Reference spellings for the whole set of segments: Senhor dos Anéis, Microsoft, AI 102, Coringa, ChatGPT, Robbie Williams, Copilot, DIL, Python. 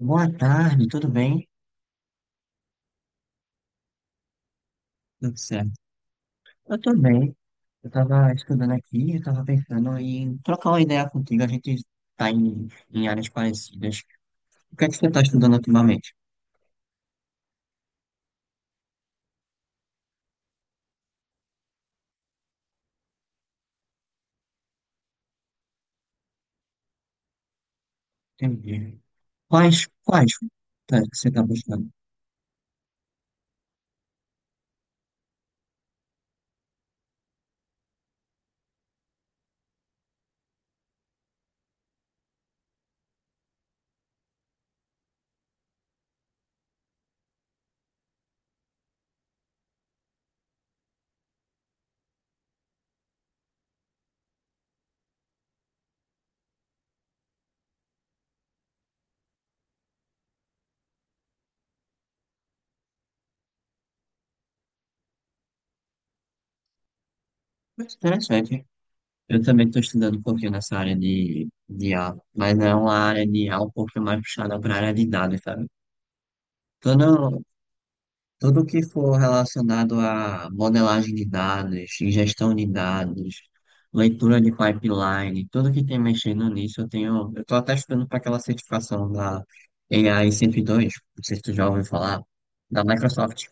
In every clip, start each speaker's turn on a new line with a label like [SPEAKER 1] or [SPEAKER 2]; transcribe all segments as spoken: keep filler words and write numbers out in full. [SPEAKER 1] Boa tarde, tudo bem? Tudo certo. Eu tô bem. Eu tava estudando aqui, eu tava pensando em trocar uma ideia contigo. A gente tá em, em áreas parecidas. O que é que você tá estudando ultimamente? Entendi. Quais, quais tá- que você tá buscando? Mas interessante. Eu também estou estudando um pouquinho nessa área de, de I a, mas é uma área de I a um pouquinho mais puxada pra área de dados, sabe? Tô no, Tudo que for relacionado a modelagem de dados, ingestão de dados, leitura de pipeline, tudo que tem mexendo nisso, eu tenho, eu estou até estudando para aquela certificação da A I cento e dois, não sei se tu já ouviu falar, da Microsoft.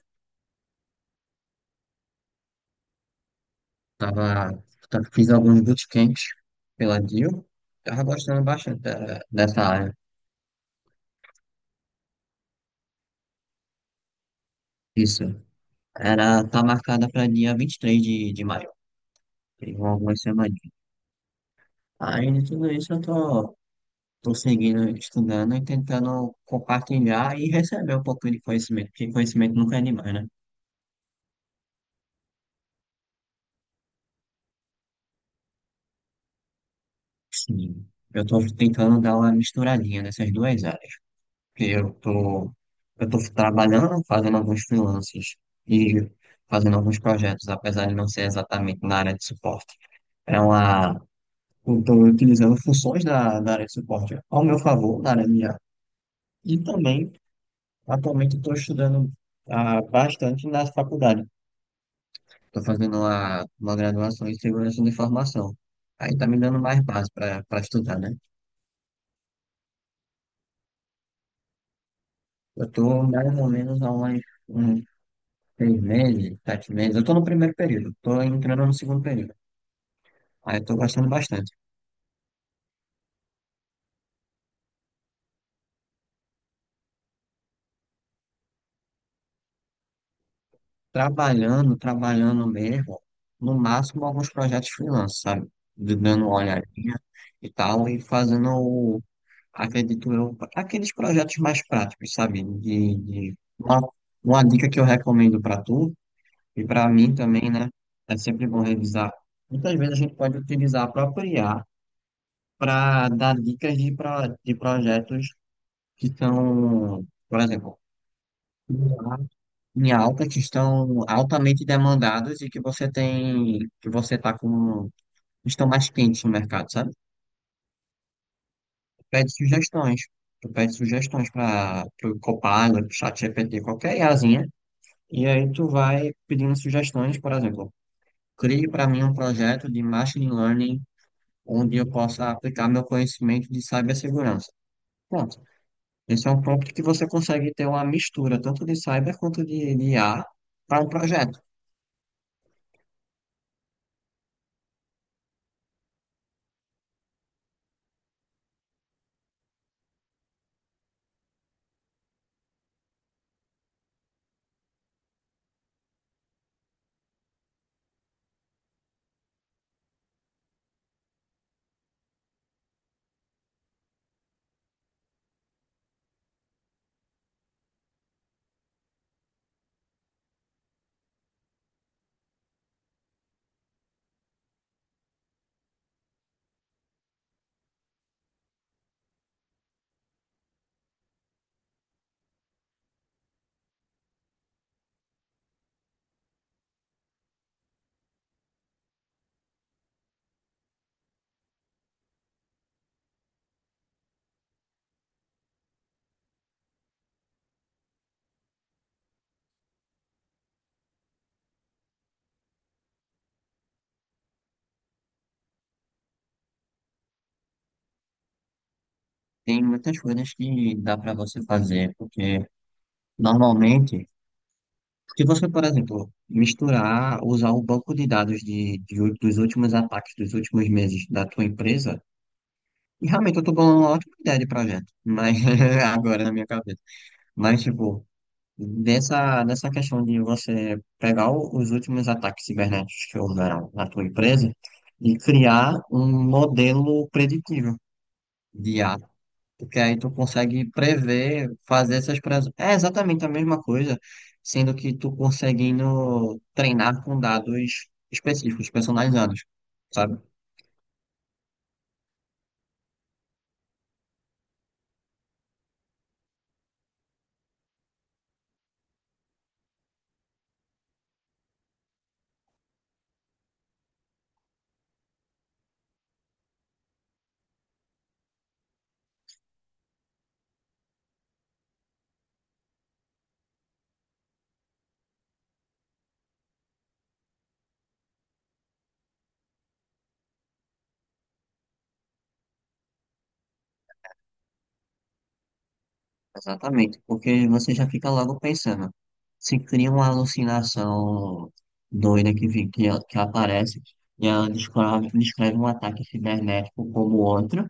[SPEAKER 1] Tava, tá- Fiz alguns bootcamps pela D I L, tava gostando bastante da- dessa área. Isso, era, tá marcada para dia vinte e três de, de maio, tem algumas semanas. Aí, de tudo isso, eu tô estou seguindo, estudando e tentando compartilhar e receber um pouquinho de conhecimento, porque conhecimento nunca é demais, né? Sim. Eu estou tentando dar uma misturadinha nessas duas áreas, porque eu estou eu tô trabalhando, fazendo alguns freelances e fazendo alguns projetos, apesar de não ser exatamente na área de suporte. É uma, eu estou utilizando funções da, da área de suporte ao meu favor, na área minha. E também, atualmente, estou estudando ah, bastante na faculdade. Estou fazendo lá uma graduação em segurança da informação. Aí tá me dando mais base para para estudar, né? Eu tô mais ou menos há uns, uns seis meses, sete meses. Eu tô no primeiro período, tô entrando no segundo período. Aí eu tô gostando bastante. Trabalhando, trabalhando mesmo, no máximo alguns projetos freelance, sabe? D- Dando uma olhadinha e tal, e fazendo, o- acredito eu, aqueles projetos mais práticos, sabe? De, de... Uma, uma dica que eu recomendo para tu. E para mim também, né, é sempre bom revisar. Muitas vezes a gente pode utilizar a própria I A para dar dicas de, pro- de projetos que estão, por exemplo, em alta, que estão altamente demandados e que você tem, que você tá com, estão mais quentes no mercado, sabe? Pede sugestões. Tu pede sugestões para o Copilot, ChatGPT, qualquer IAzinha. E aí tu vai pedindo sugestões, por exemplo, crie para mim um projeto de machine learning onde eu possa aplicar meu conhecimento de cibersegurança. Pronto. Esse é um prompt que você consegue ter uma mistura tanto de cyber quanto de, de I A para um projeto. Tem muitas coisas que dá para você fazer, porque normalmente, se você, por exemplo, misturar, usar o banco de dados de, de ú- dos últimos ataques, dos últimos meses da tua empresa, e realmente eu estou falando uma ótima ideia de projeto, mas agora na minha cabeça. Mas, tipo, Nessa, nessa questão de você pegar o- os últimos ataques cibernéticos que houveram na tua empresa e criar um modelo preditivo de I A, porque aí tu consegue prever, fazer essas previsões. É exatamente a mesma coisa, sendo que tu conseguindo treinar com dados específicos, personalizados, sabe? Exatamente, porque você já fica logo pensando. Se cria uma alucinação doida que, vi- que, que aparece e ela descreve, descreve um ataque cibernético como outro,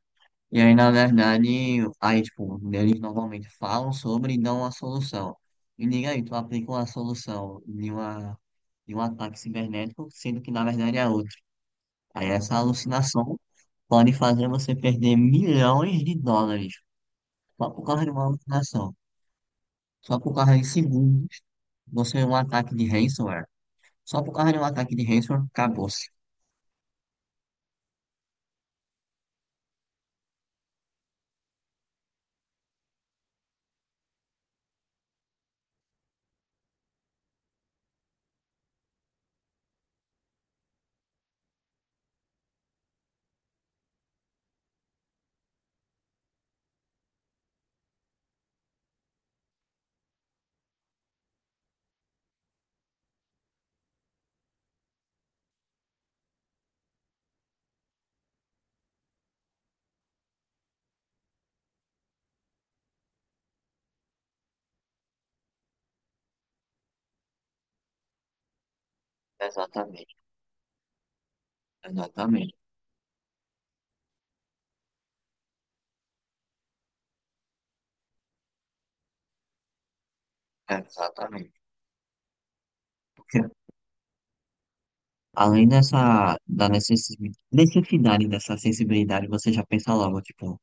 [SPEAKER 1] e aí, na verdade, aí, tipo, eles normalmente falam sobre e dão uma solução. E diga aí, tu aplica uma solução de, uma, de um ataque cibernético, sendo que, na verdade, é outro. Aí, essa alucinação pode fazer você perder milhões de dólares só por causa de uma alucinação. Só por causa de segundos, você é um ataque de ransomware. Só por causa de um ataque de ransomware, acabou-se. Exatamente, exatamente, exatamente. Porque além dessa da necessi- necessidade dessa sensibilidade, você já pensa logo, tipo,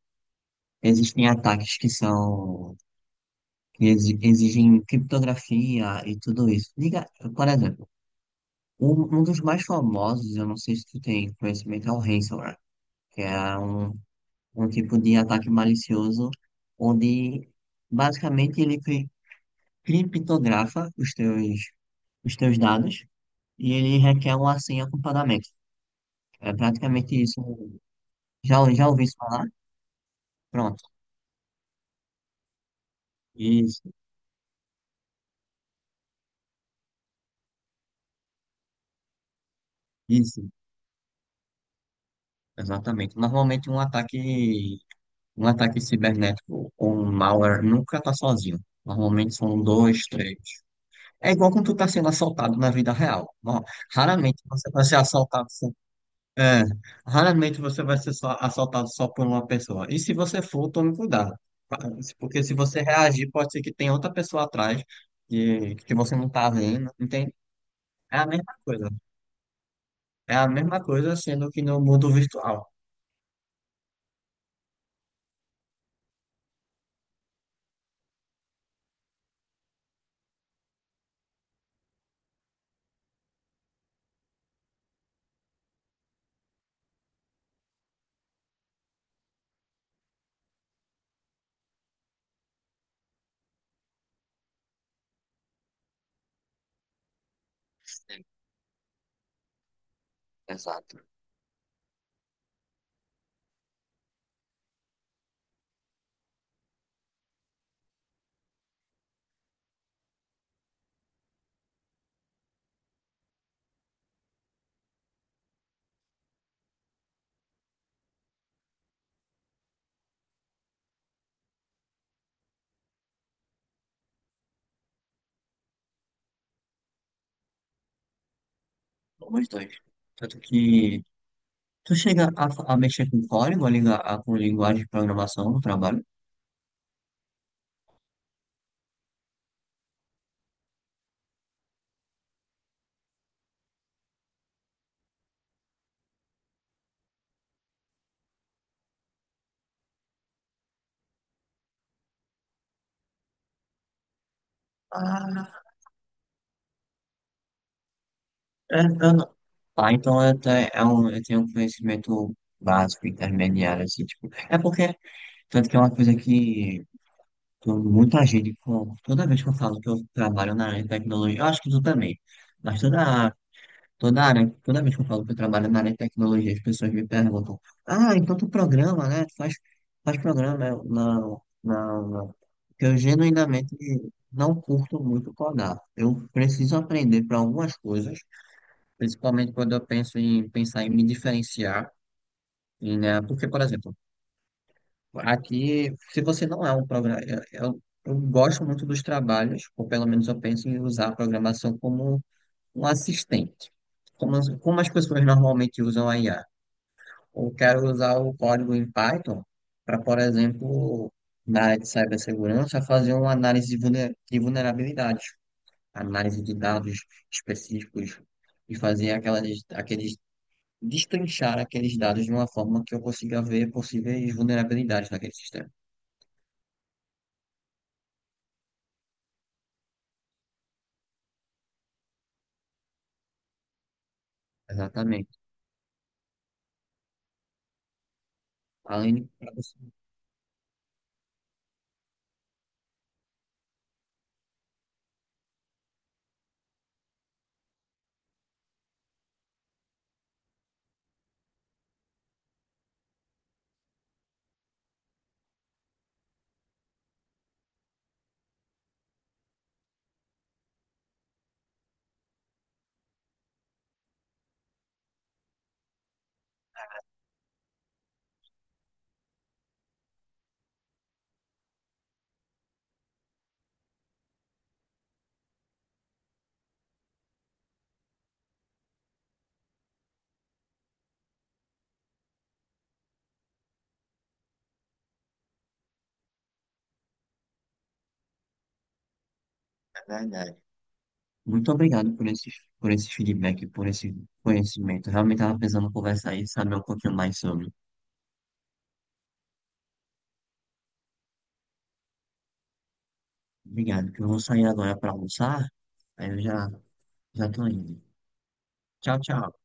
[SPEAKER 1] existem ataques que são que exi- exigem criptografia e tudo isso. Diga, por exemplo, um, um dos mais famosos, eu não sei se tu tem conhecimento, é o ransomware, que é um um tipo de ataque malicioso, onde basicamente ele cri- criptografa os teus, os teus dados e ele requer uma senha com pagamento. É praticamente isso. Já, já ouvi isso falar? Pronto. Isso, isso, exatamente. Normalmente um ataque, um ataque cibernético ou um malware nunca tá sozinho. Normalmente são dois, três. É igual quando tu tá sendo assaltado na vida real. Ó, raramente você vai ser assaltado. É, raramente você vai ser só- assaltado só por uma pessoa. E se você for, tome cuidado. Pa- Porque se você reagir, pode ser que tenha outra pessoa atrás que, que você não tá vendo, entende? É a mesma coisa. É a mesma coisa sendo que no mundo virtual. Como os dois. Tanto que tu chega a, fa- a mexer com código, a, lingu- a- com linguagem de programação no trabalho. Ah, é, eu não- Ah, então eu, te- é um, eu tenho um conhecimento básico, intermediário, assim, tipo. É porque, tanto que é uma coisa que que muita gente, com- toda vez que eu falo que eu trabalho na área de tecnologia, eu acho que tu também, mas toda, toda área, toda vez que eu falo que eu trabalho na área de tecnologia, as pessoas me perguntam, ah, então tu programa, né? Tu faz, faz programa. Eu, não, não, não. Porque eu genuinamente não curto muito codar. Eu preciso aprender para algumas coisas. Principalmente quando eu penso em pensar em me diferenciar, e, né? Porque, por exemplo, aqui, se você não é um programa, eu, eu eu gosto muito dos trabalhos, ou pelo menos eu penso em usar a programação como um assistente, como, as- como as pessoas normalmente usam a I A. Eu quero usar o código em Python para, por exemplo, na área de cibersegurança, fazer uma análise de vulne- de vulnerabilidades, análise de dados específicos e fazer aquelas, aqueles destrinchar aqueles dados de uma forma que eu consiga ver possíveis vulnerabilidades naquele sistema. Exatamente. Aline, pra você. É verdade. Muito obrigado por esse, por esse feedback, por esse conhecimento. Eu realmente estava pensando em conversar e saber um pouquinho mais sobre. Obrigado, que eu vou sair agora para almoçar, aí eu já já tô indo. Tchau, tchau.